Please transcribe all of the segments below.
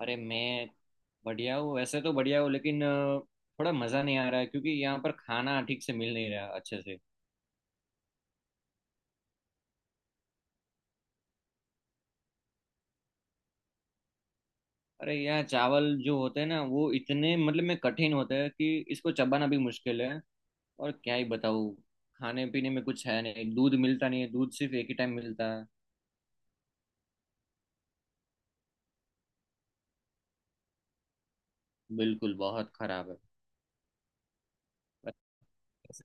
अरे मैं बढ़िया हूँ। वैसे तो बढ़िया हूँ, लेकिन थोड़ा मज़ा नहीं आ रहा है क्योंकि यहाँ पर खाना ठीक से मिल नहीं रहा, अच्छे से। अरे यहाँ चावल जो होते हैं ना, वो इतने मतलब में कठिन होते हैं कि इसको चबाना भी मुश्किल है। और क्या ही बताऊँ। खाने पीने में कुछ है नहीं, दूध मिलता नहीं है, दूध सिर्फ एक ही टाइम मिलता है। बिल्कुल बहुत खराब है।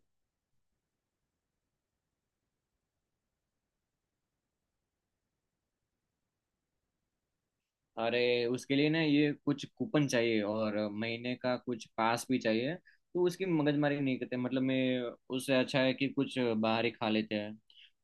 अरे उसके लिए ना ये कुछ कूपन चाहिए और महीने का कुछ पास भी चाहिए, तो उसकी मगजमारी नहीं करते मतलब मैं। उससे अच्छा है कि कुछ बाहर ही खा लेते हैं।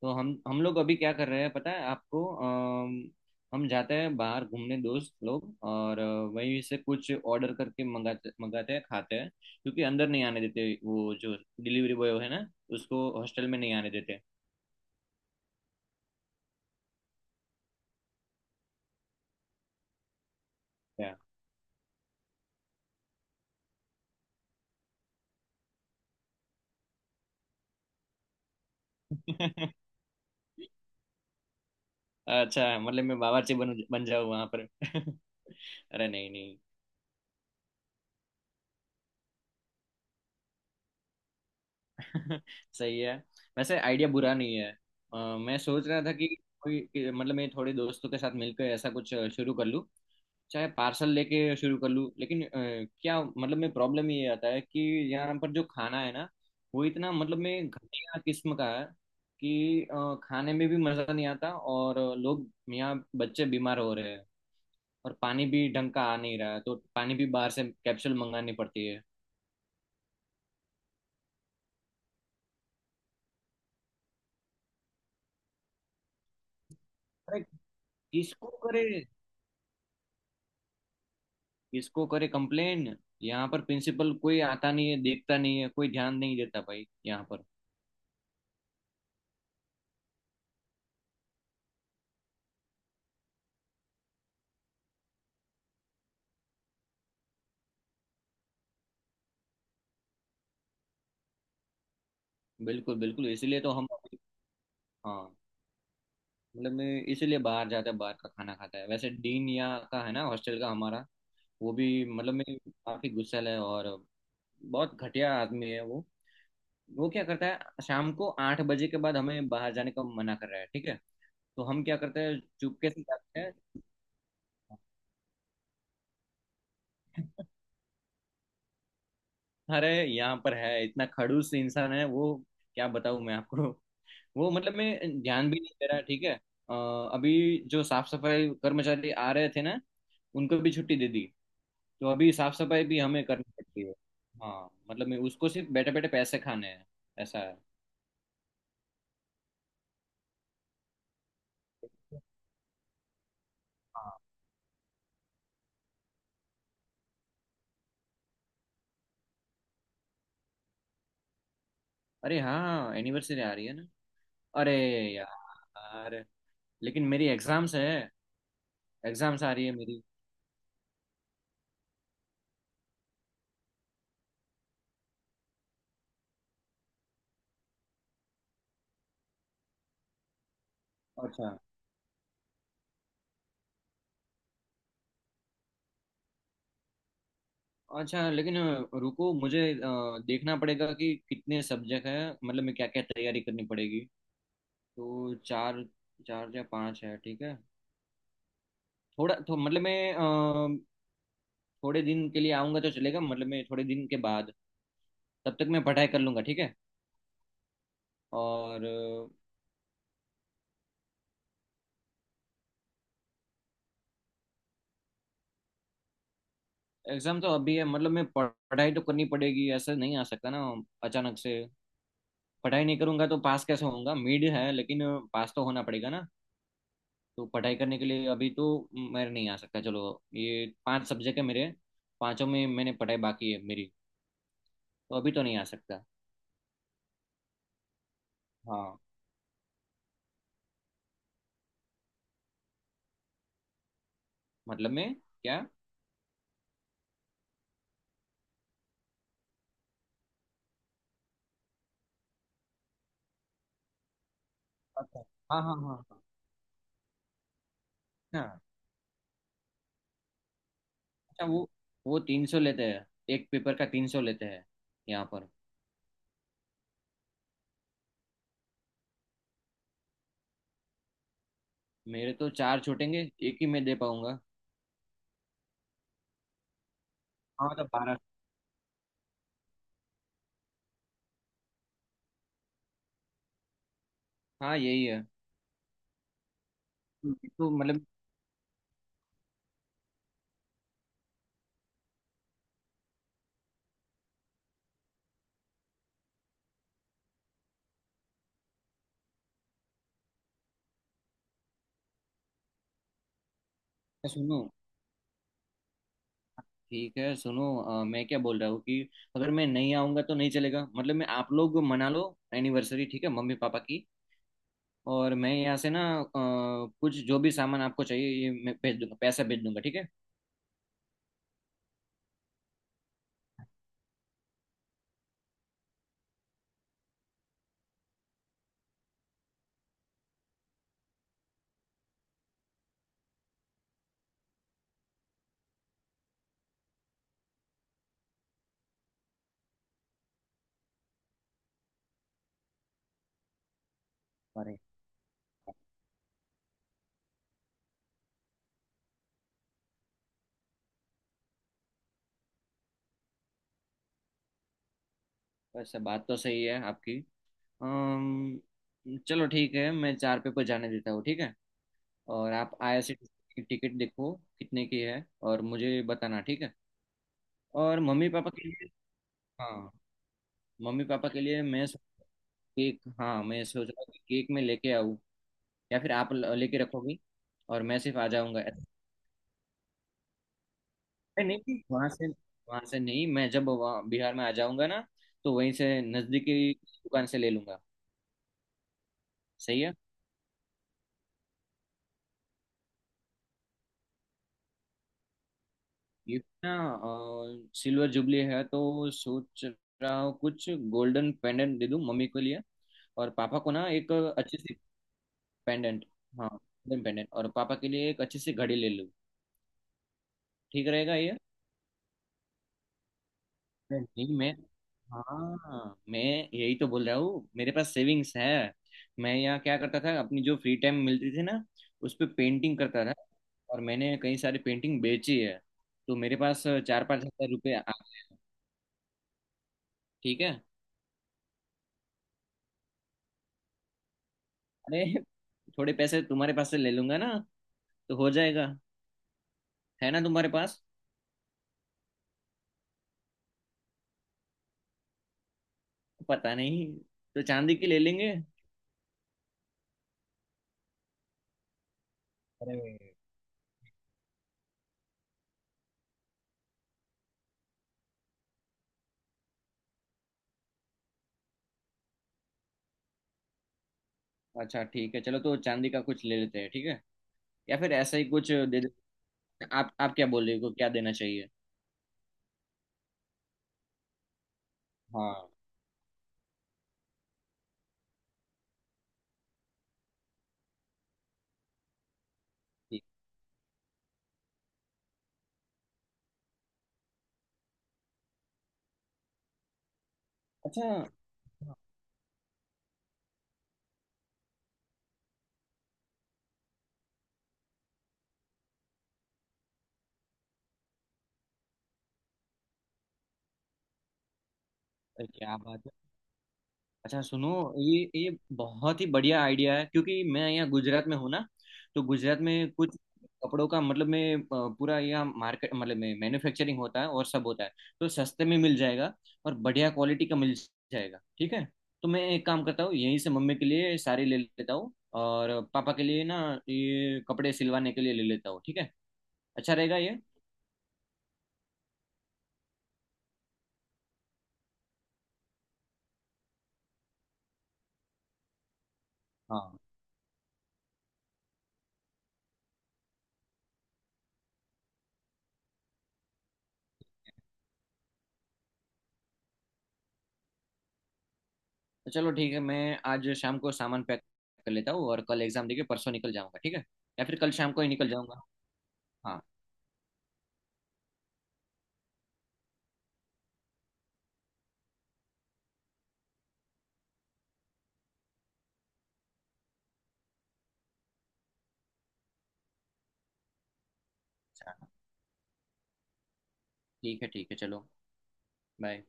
तो हम लोग अभी क्या कर रहे हैं पता है आपको, हम जाते हैं बाहर घूमने दोस्त लोग और वहीं से कुछ ऑर्डर करके मंगाते मंगाते हैं, खाते हैं, क्योंकि अंदर नहीं आने देते वो जो डिलीवरी बॉय है ना, उसको हॉस्टल में नहीं आने देते। क्या? अच्छा, मतलब मैं बावर्ची बन बन जाऊँ वहां पर? अरे नहीं नहीं। सही है। वैसे आइडिया बुरा नहीं है। मैं सोच रहा था कि कोई मतलब मैं थोड़े दोस्तों के साथ मिलकर ऐसा कुछ शुरू कर लूँ, चाहे पार्सल लेके शुरू कर लूँ, लेकिन क्या मतलब मैं प्रॉब्लम ये आता है कि यहाँ पर जो खाना है ना, वो इतना मतलब मैं घटिया किस्म का है कि खाने में भी मज़ा नहीं आता, और लोग यहाँ बच्चे बीमार हो रहे हैं और पानी भी ढंग का आ नहीं रहा है, तो पानी भी बाहर से कैप्सूल मंगानी पड़ती है। अरे, किसको करे, किसको करे कंप्लेन। यहाँ पर प्रिंसिपल कोई आता नहीं है, देखता नहीं है, कोई ध्यान नहीं देता भाई यहाँ पर। बिल्कुल, बिल्कुल, इसीलिए तो हम। हाँ, मतलब मैं इसीलिए बाहर जाता है, बाहर का खाना खाता है। वैसे डीन यहाँ का है ना हॉस्टल का हमारा, वो भी मतलब मैं काफी गुस्सैल है, और बहुत घटिया आदमी है वो। वो क्या करता है शाम को 8 बजे के बाद हमें बाहर जाने का मना कर रहा है, ठीक है। तो हम क्या करते हैं, चुपके से जाते हैं। अरे यहाँ पर है, इतना खड़ूस इंसान है वो, क्या बताऊँ मैं आपको। वो मतलब मैं ध्यान भी नहीं दे रहा, ठीक है। अ, अभी जो साफ सफाई कर्मचारी आ रहे थे ना, उनको भी छुट्टी दे दी, तो अभी साफ सफाई भी हमें करनी पड़ती है। हाँ, मतलब मैं उसको सिर्फ बैठे बैठे पैसे खाने हैं। ऐसा है। हाँ। अरे हाँ, एनिवर्सरी आ रही है ना। अरे यार, लेकिन मेरी एग्जाम्स है, एग्जाम्स आ रही है मेरी। अच्छा, अच्छा, लेकिन रुको, मुझे देखना पड़ेगा कि कितने सब्जेक्ट हैं मतलब मैं क्या क्या तैयारी करनी पड़ेगी। तो चार चार या पांच है, ठीक है। थोड़ा तो मतलब मैं थोड़े दिन के लिए आऊँगा तो चलेगा, मतलब मैं थोड़े दिन के बाद, तब तक मैं पढ़ाई कर लूँगा, ठीक है। और एग्ज़ाम तो अभी है, मतलब मैं पढ़ाई तो करनी पड़ेगी, ऐसा नहीं आ सकता ना, अचानक से। पढ़ाई नहीं करूँगा तो पास कैसे होऊंगा, मिड है लेकिन पास तो होना पड़ेगा ना। तो पढ़ाई करने के लिए अभी तो मैं नहीं आ सकता। चलो, ये पांच सब्जेक्ट है मेरे, पांचों में मैंने पढ़ाई बाकी है मेरी, तो अभी तो नहीं आ सकता। हाँ, मतलब मैं क्या। अच्छा। हाँ, हाँ, हाँ। हाँ। हाँ। अच्छा, वो 300 लेते हैं, एक पेपर का 300 लेते हैं यहाँ पर। मेरे तो चार छूटेंगे, एक ही मैं दे पाऊंगा। हाँ, मतलब 12। हाँ, यही है। तो मतलब सुनो, ठीक है, सुनो, मैं क्या बोल रहा हूँ कि अगर मैं नहीं आऊंगा तो नहीं चलेगा, मतलब मैं आप लोग मना लो एनिवर्सरी, ठीक है, मम्मी पापा की। और मैं यहाँ से ना, कुछ जो भी सामान आपको चाहिए, ये मैं भेज दूंगा, पैसा भेज दूंगा, ठीक है। अरे, वैसे बात तो सही है आपकी। चलो, ठीक है, मैं चार पे पर जाने देता हूँ, ठीक है। और आप आईआरसीटीसी की टिकट देखो कितने की है और मुझे बताना, ठीक है। और मम्मी पापा के लिए, हाँ, मम्मी पापा के लिए मैं केक, हाँ, मैं सोच रहा हूँ कि केक में लेके आऊँ, या फिर आप लेके रखोगी और मैं सिर्फ आ जाऊँगा। नहीं, नहीं, नहीं, वहां से, वहां से नहीं, मैं जब वहाँ बिहार में आ जाऊंगा ना, तो वहीं से नजदीकी दुकान से ले लूंगा। सही है। ये ना सिल्वर जुबली है, तो सोच रहा हूँ कुछ गोल्डन पेंडेंट दे दूं मम्मी के लिए, और पापा को ना एक अच्छी सी पेंडेंट। हाँ, गोल्डन पेंडेंट, और पापा के लिए एक अच्छी सी घड़ी ले लूं। ठीक रहेगा ये? नहीं, मैं, हाँ, मैं यही तो बोल रहा हूँ, मेरे पास सेविंग्स है। मैं यहाँ क्या करता था, अपनी जो फ्री टाइम मिलती थी ना, उस पे पेंटिंग करता था, और मैंने कई सारी पेंटिंग बेची है, तो मेरे पास 4-5 हज़ार रुपये ठीक है। अरे, थोड़े पैसे तुम्हारे पास से ले लूंगा ना, तो हो जाएगा, है ना तुम्हारे पास? पता नहीं। तो चांदी की ले लेंगे। अरे अच्छा, ठीक है, चलो तो चांदी का कुछ ले लेते हैं, ठीक है, या फिर ऐसा ही कुछ दे दे। आप क्या बोल रहे हो, क्या देना चाहिए? हाँ। ठीक। अच्छा। अरे क्या बात है। अच्छा सुनो, ये बहुत ही बढ़िया आइडिया है, क्योंकि मैं यहाँ गुजरात में हूँ ना, तो गुजरात में कुछ कपड़ों का मतलब में पूरा यहाँ मार्केट मतलब में मैन्युफैक्चरिंग होता है और सब होता है, तो सस्ते में मिल जाएगा, और बढ़िया क्वालिटी का मिल जाएगा, ठीक है। तो मैं एक काम करता हूँ, यहीं से मम्मी के लिए साड़ी ले लेता हूँ, और पापा के लिए ना ये कपड़े सिलवाने के लिए ले लेता हूँ, ठीक है। अच्छा रहेगा ये। हाँ, तो चलो, ठीक है, मैं आज शाम को सामान पैक कर लेता हूँ और कल एग्जाम देके परसों निकल जाऊंगा, ठीक है, या फिर कल शाम को ही निकल जाऊंगा। हाँ। अच्छा, हाँ, ठीक है, ठीक है, चलो, बाय।